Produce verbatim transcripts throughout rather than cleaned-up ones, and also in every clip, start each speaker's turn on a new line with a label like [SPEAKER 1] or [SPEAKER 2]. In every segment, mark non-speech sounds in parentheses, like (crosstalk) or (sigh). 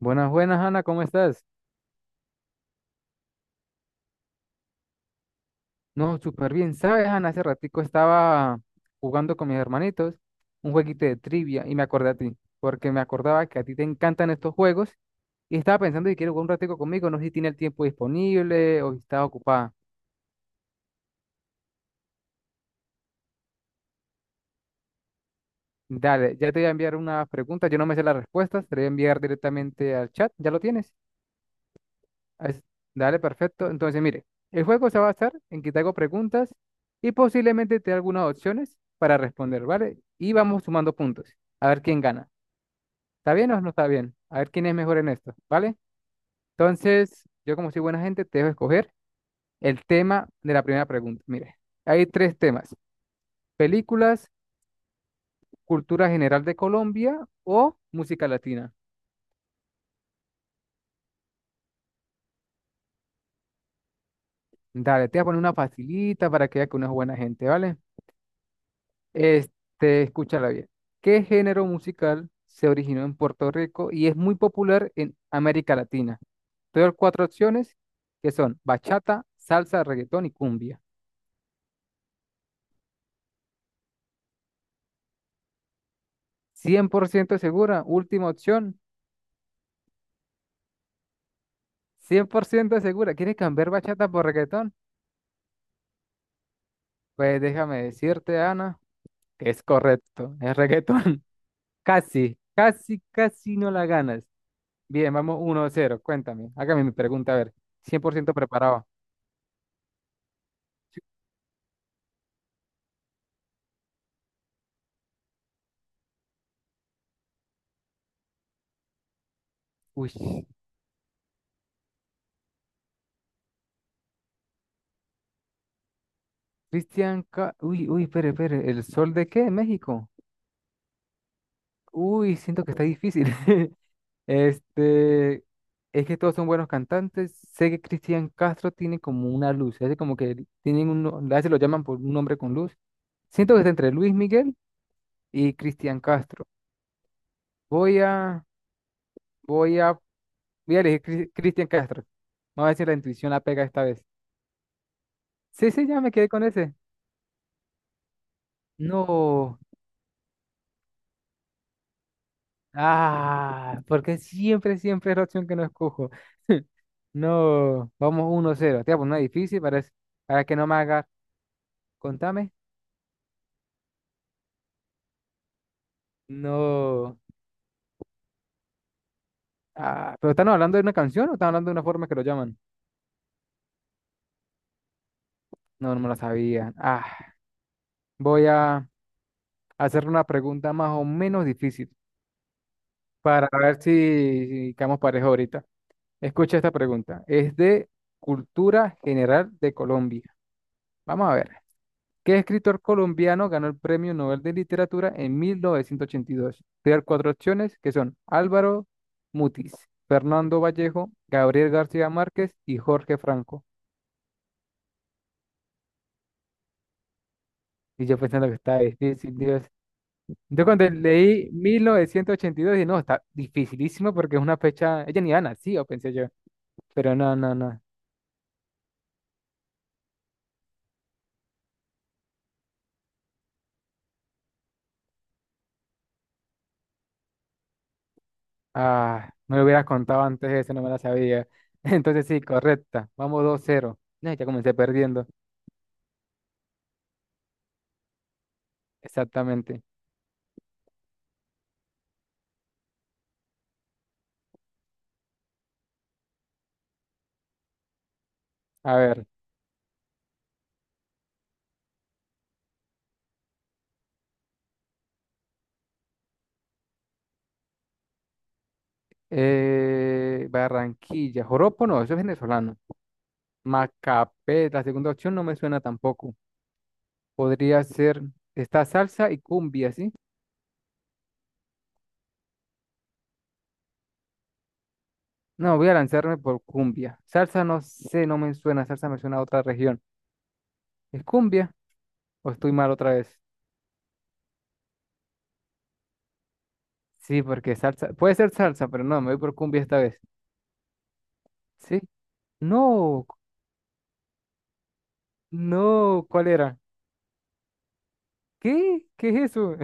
[SPEAKER 1] Buenas, buenas, Ana, ¿cómo estás? No, súper bien. ¿Sabes, Ana? Hace ratico estaba jugando con mis hermanitos un jueguito de trivia y me acordé a ti, porque me acordaba que a ti te encantan estos juegos y estaba pensando que quieres jugar un ratico conmigo, no sé si tiene el tiempo disponible o si estás ocupada. Dale, ya te voy a enviar una pregunta, yo no me sé las respuestas, te voy a enviar directamente al chat, ¿ya lo tienes? Ah, Es- dale, perfecto. Entonces, mire, el juego se va a basar en que te hago preguntas y posiblemente te dé algunas opciones para responder, ¿vale? Y vamos sumando puntos. A ver quién gana. ¿Está bien o no está bien? A ver quién es mejor en esto, ¿vale? Entonces, yo como soy buena gente, te dejo escoger el tema de la primera pregunta. Mire, hay tres temas. Películas, cultura general de Colombia o música latina. Dale, te voy a poner una facilita para que veas que uno es buena gente, ¿vale? Este, escúchala bien. ¿Qué género musical se originó en Puerto Rico y es muy popular en América Latina? Te doy cuatro opciones que son bachata, salsa, reggaetón y cumbia. Cien por ciento segura, última opción. Cien por ciento segura. ¿Quieres cambiar bachata por reggaetón? Pues déjame decirte, Ana, que es correcto, es reggaetón. (laughs) Casi, casi, casi no la ganas. Bien, vamos uno cero. Cuéntame, hágame mi pregunta, a ver. Cien por ciento preparado. Uy. Cristian, Ca- uy, uy, espere, espere, ¿el sol de qué? ¿México? Uy, siento que está difícil. (laughs) Este, es que todos son buenos cantantes. Sé que Cristian Castro tiene como una luz, hace como que tienen un, no- a veces lo llaman por un nombre con luz. Siento que está entre Luis Miguel y Cristian Castro. Voy a, voy a, voy a elegir Cris- Cristian Castro. Vamos a ver si la intuición la pega esta vez. Sí, sí, ya me quedé con ese. No, ah, porque siempre, siempre es la opción que no escojo. (laughs) No, vamos uno cero. Te voy a poner una difícil para, es- para que no me hagas. Contame. No. Ah, ¿pero están hablando de una canción o están hablando de una forma que lo llaman? No, no me la sabía. Ah, voy a hacer una pregunta más o menos difícil para ver si, si quedamos parejos ahorita. Escucha esta pregunta. Es de cultura general de Colombia. Vamos a ver. ¿Qué escritor colombiano ganó el Premio Nobel de Literatura en mil novecientos ochenta y dos? Te voy a dar cuatro opciones que son Álvaro Mutis, Fernando Vallejo, Gabriel García Márquez y Jorge Franco. Y yo pensando que está difícil, Dios. Yo cuando leí mil novecientos ochenta y dos dije, no, está dificilísimo porque es una fecha, ella ni había nacido, pensé yo. Pero no, no, no. Ah, me lo hubieras contado antes eso, no me la sabía. (laughs) Entonces sí, correcta. Vamos dos cero. No, ya comencé perdiendo. Exactamente. A ver. Eh, Barranquilla, joropo no, eso es venezolano. Macapé, la segunda opción no me suena tampoco. Podría ser esta salsa y cumbia, ¿sí? No, voy a lanzarme por cumbia. Salsa no sé, no me suena, salsa me suena a otra región. ¿Es cumbia o estoy mal otra vez? Sí, porque salsa, puede ser salsa, pero no, me voy por cumbia esta vez. ¿Sí? No, no, ¿cuál era? ¿Qué? ¿Qué es eso?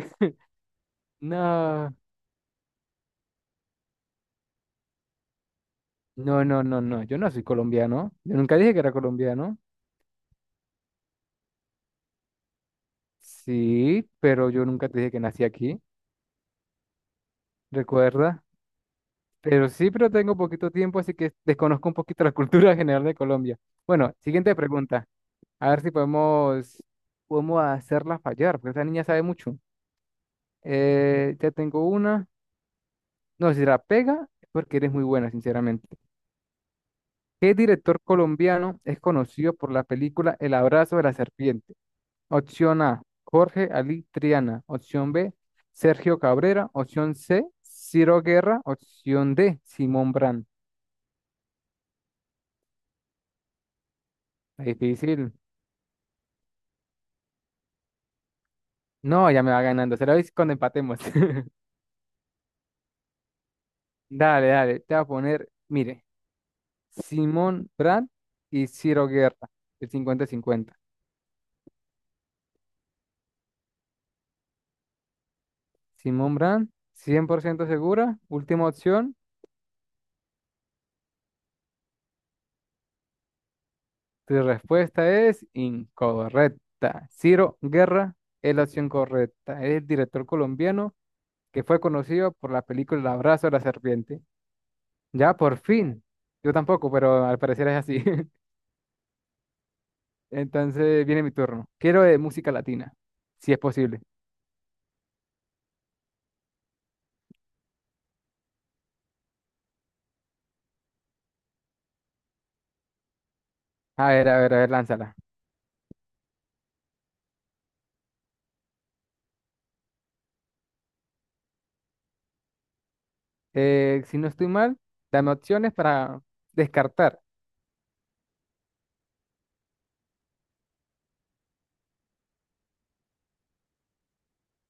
[SPEAKER 1] (laughs) No, no, no, no, no, yo no soy colombiano. Yo nunca dije que era colombiano. Sí, pero yo nunca te dije que nací aquí, recuerda. Pero sí, pero tengo poquito tiempo, así que desconozco un poquito la (laughs) cultura general de Colombia. Bueno, siguiente pregunta. A ver si podemos, podemos hacerla fallar, porque esta niña sabe mucho. Eh, ya tengo una. No, si la pega, es porque eres muy buena, sinceramente. ¿Qué director colombiano es conocido por la película El abrazo de la serpiente? Opción A, Jorge Ali Triana. Opción B, Sergio Cabrera. Opción C, Ciro Guerra. Opción D, Simón Brand. Está difícil. No, ya me va ganando. Se lo veis cuando empatemos. (laughs) Dale, dale. Te voy a poner, mire, Simón Brand y Ciro Guerra. El cincuenta-cincuenta. Simón Brand, cien por ciento segura. Última opción. Tu respuesta es incorrecta. Ciro Guerra es la opción correcta. Es el director colombiano que fue conocido por la película El abrazo de la serpiente. Ya, por fin. Yo tampoco, pero al parecer es así. (laughs) Entonces viene mi turno. Quiero de música latina, si es posible. A ver, a ver, a ver, lánzala. Eh, si no estoy mal, dame opciones para descartar.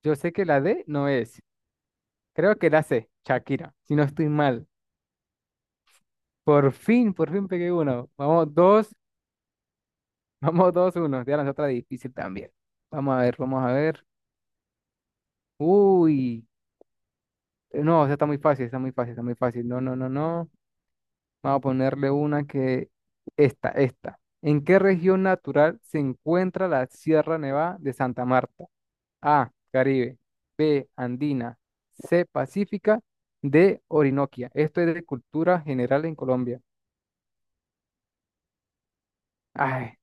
[SPEAKER 1] Yo sé que la D no es. Creo que la C, Shakira. Si no estoy mal. Por fin, por fin pegué uno. Vamos, dos, (laughs) vamos, dos, uno. Te voy a lanzar otra difícil también. Vamos a ver, vamos a ver. Uy. Eh, No, o sea, está muy fácil, está muy fácil, está muy fácil. No, no, no, no. Vamos a ponerle una que... Esta, esta. ¿En qué región natural se encuentra la Sierra Nevada de Santa Marta? A, Caribe. B, Andina. C, Pacífica. D, Orinoquia. Esto es de cultura general en Colombia. Ay,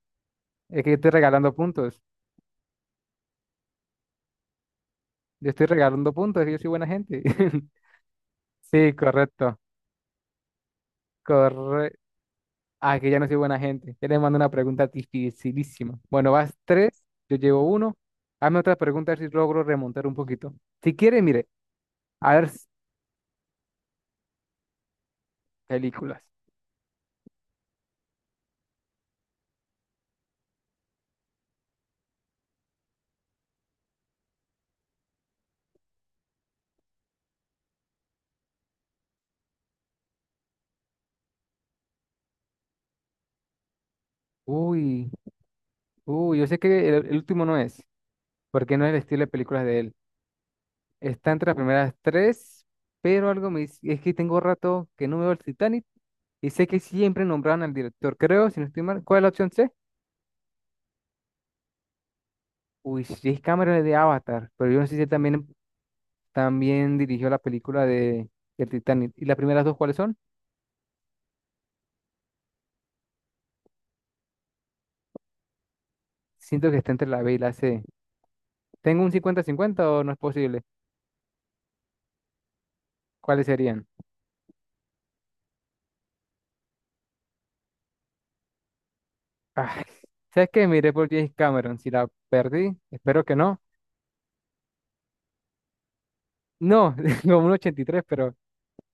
[SPEAKER 1] es que yo estoy regalando puntos. Yo estoy regalando puntos, yo soy buena gente. (laughs) Sí, correcto. Correcto. Ah, que ya no soy buena gente. Ya le mando una pregunta dificilísima. Bueno, vas tres, yo llevo uno. Hazme otra pregunta a ver si logro remontar un poquito. Si quiere, mire, a ver s- películas. Uy, uy, yo sé que el, el último no es, porque no es el estilo de películas de él. Está entre las primeras tres, pero algo me dice, es que tengo rato que no veo el Titanic y sé que siempre nombraban al director. Creo, si no estoy mal, ¿cuál es la opción C? Uy, sí, es Cameron el de Avatar, pero yo no sé si él también también dirigió la película de El Titanic. ¿Y las primeras dos cuáles son? Siento que está entre la B y la C. ¿Tengo un cincuenta cincuenta o no es posible? ¿Cuáles serían? Ay, ¿sabes qué? Miré por James Cameron. Si la perdí, espero que no. No, (laughs) como un ochenta y tres, pero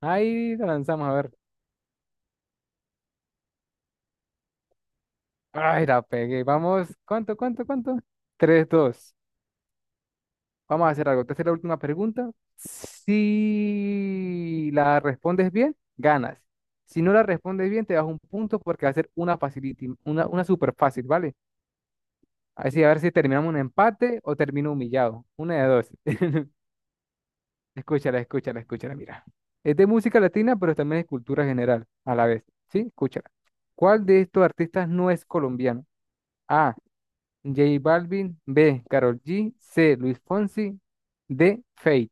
[SPEAKER 1] ahí la lanzamos a ver. Ay, la pegué. Vamos, ¿cuánto, cuánto, cuánto? Cuánto tres dos. Vamos a hacer algo. Te hacer la última pregunta. Si la respondes bien, ganas. Si no la respondes bien, te das un punto porque va a ser una facility, una, una súper fácil, ¿vale? Así a ver si terminamos un empate o termino humillado. Una de dos. (laughs) Escúchala, escúchala, escúchala, mira. Es de música latina, pero también es cultura general a la vez. ¿Sí? Escúchala. ¿Cuál de estos artistas no es colombiano? A. J Balvin. B. Karol G. C. Luis Fonsi. D. Feid.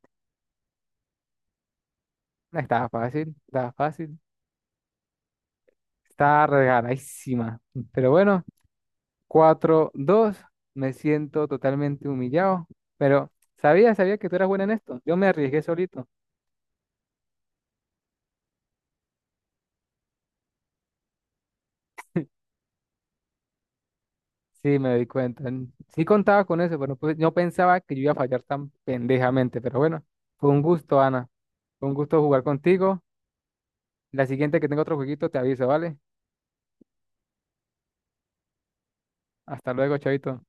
[SPEAKER 1] No estaba fácil, estaba fácil. Estaba regaladísima. Pero bueno, cuatro dos. Me siento totalmente humillado. Pero sabía, sabía que tú eras buena en esto. Yo me arriesgué solito. Sí, me di cuenta. N- Sí contaba con eso, pero pues no pensaba que yo iba a fallar tan pendejamente. Pero bueno, fue un gusto, Ana. Fue un gusto jugar contigo. La siguiente que tenga otro jueguito te aviso, ¿vale? Hasta luego, chavito.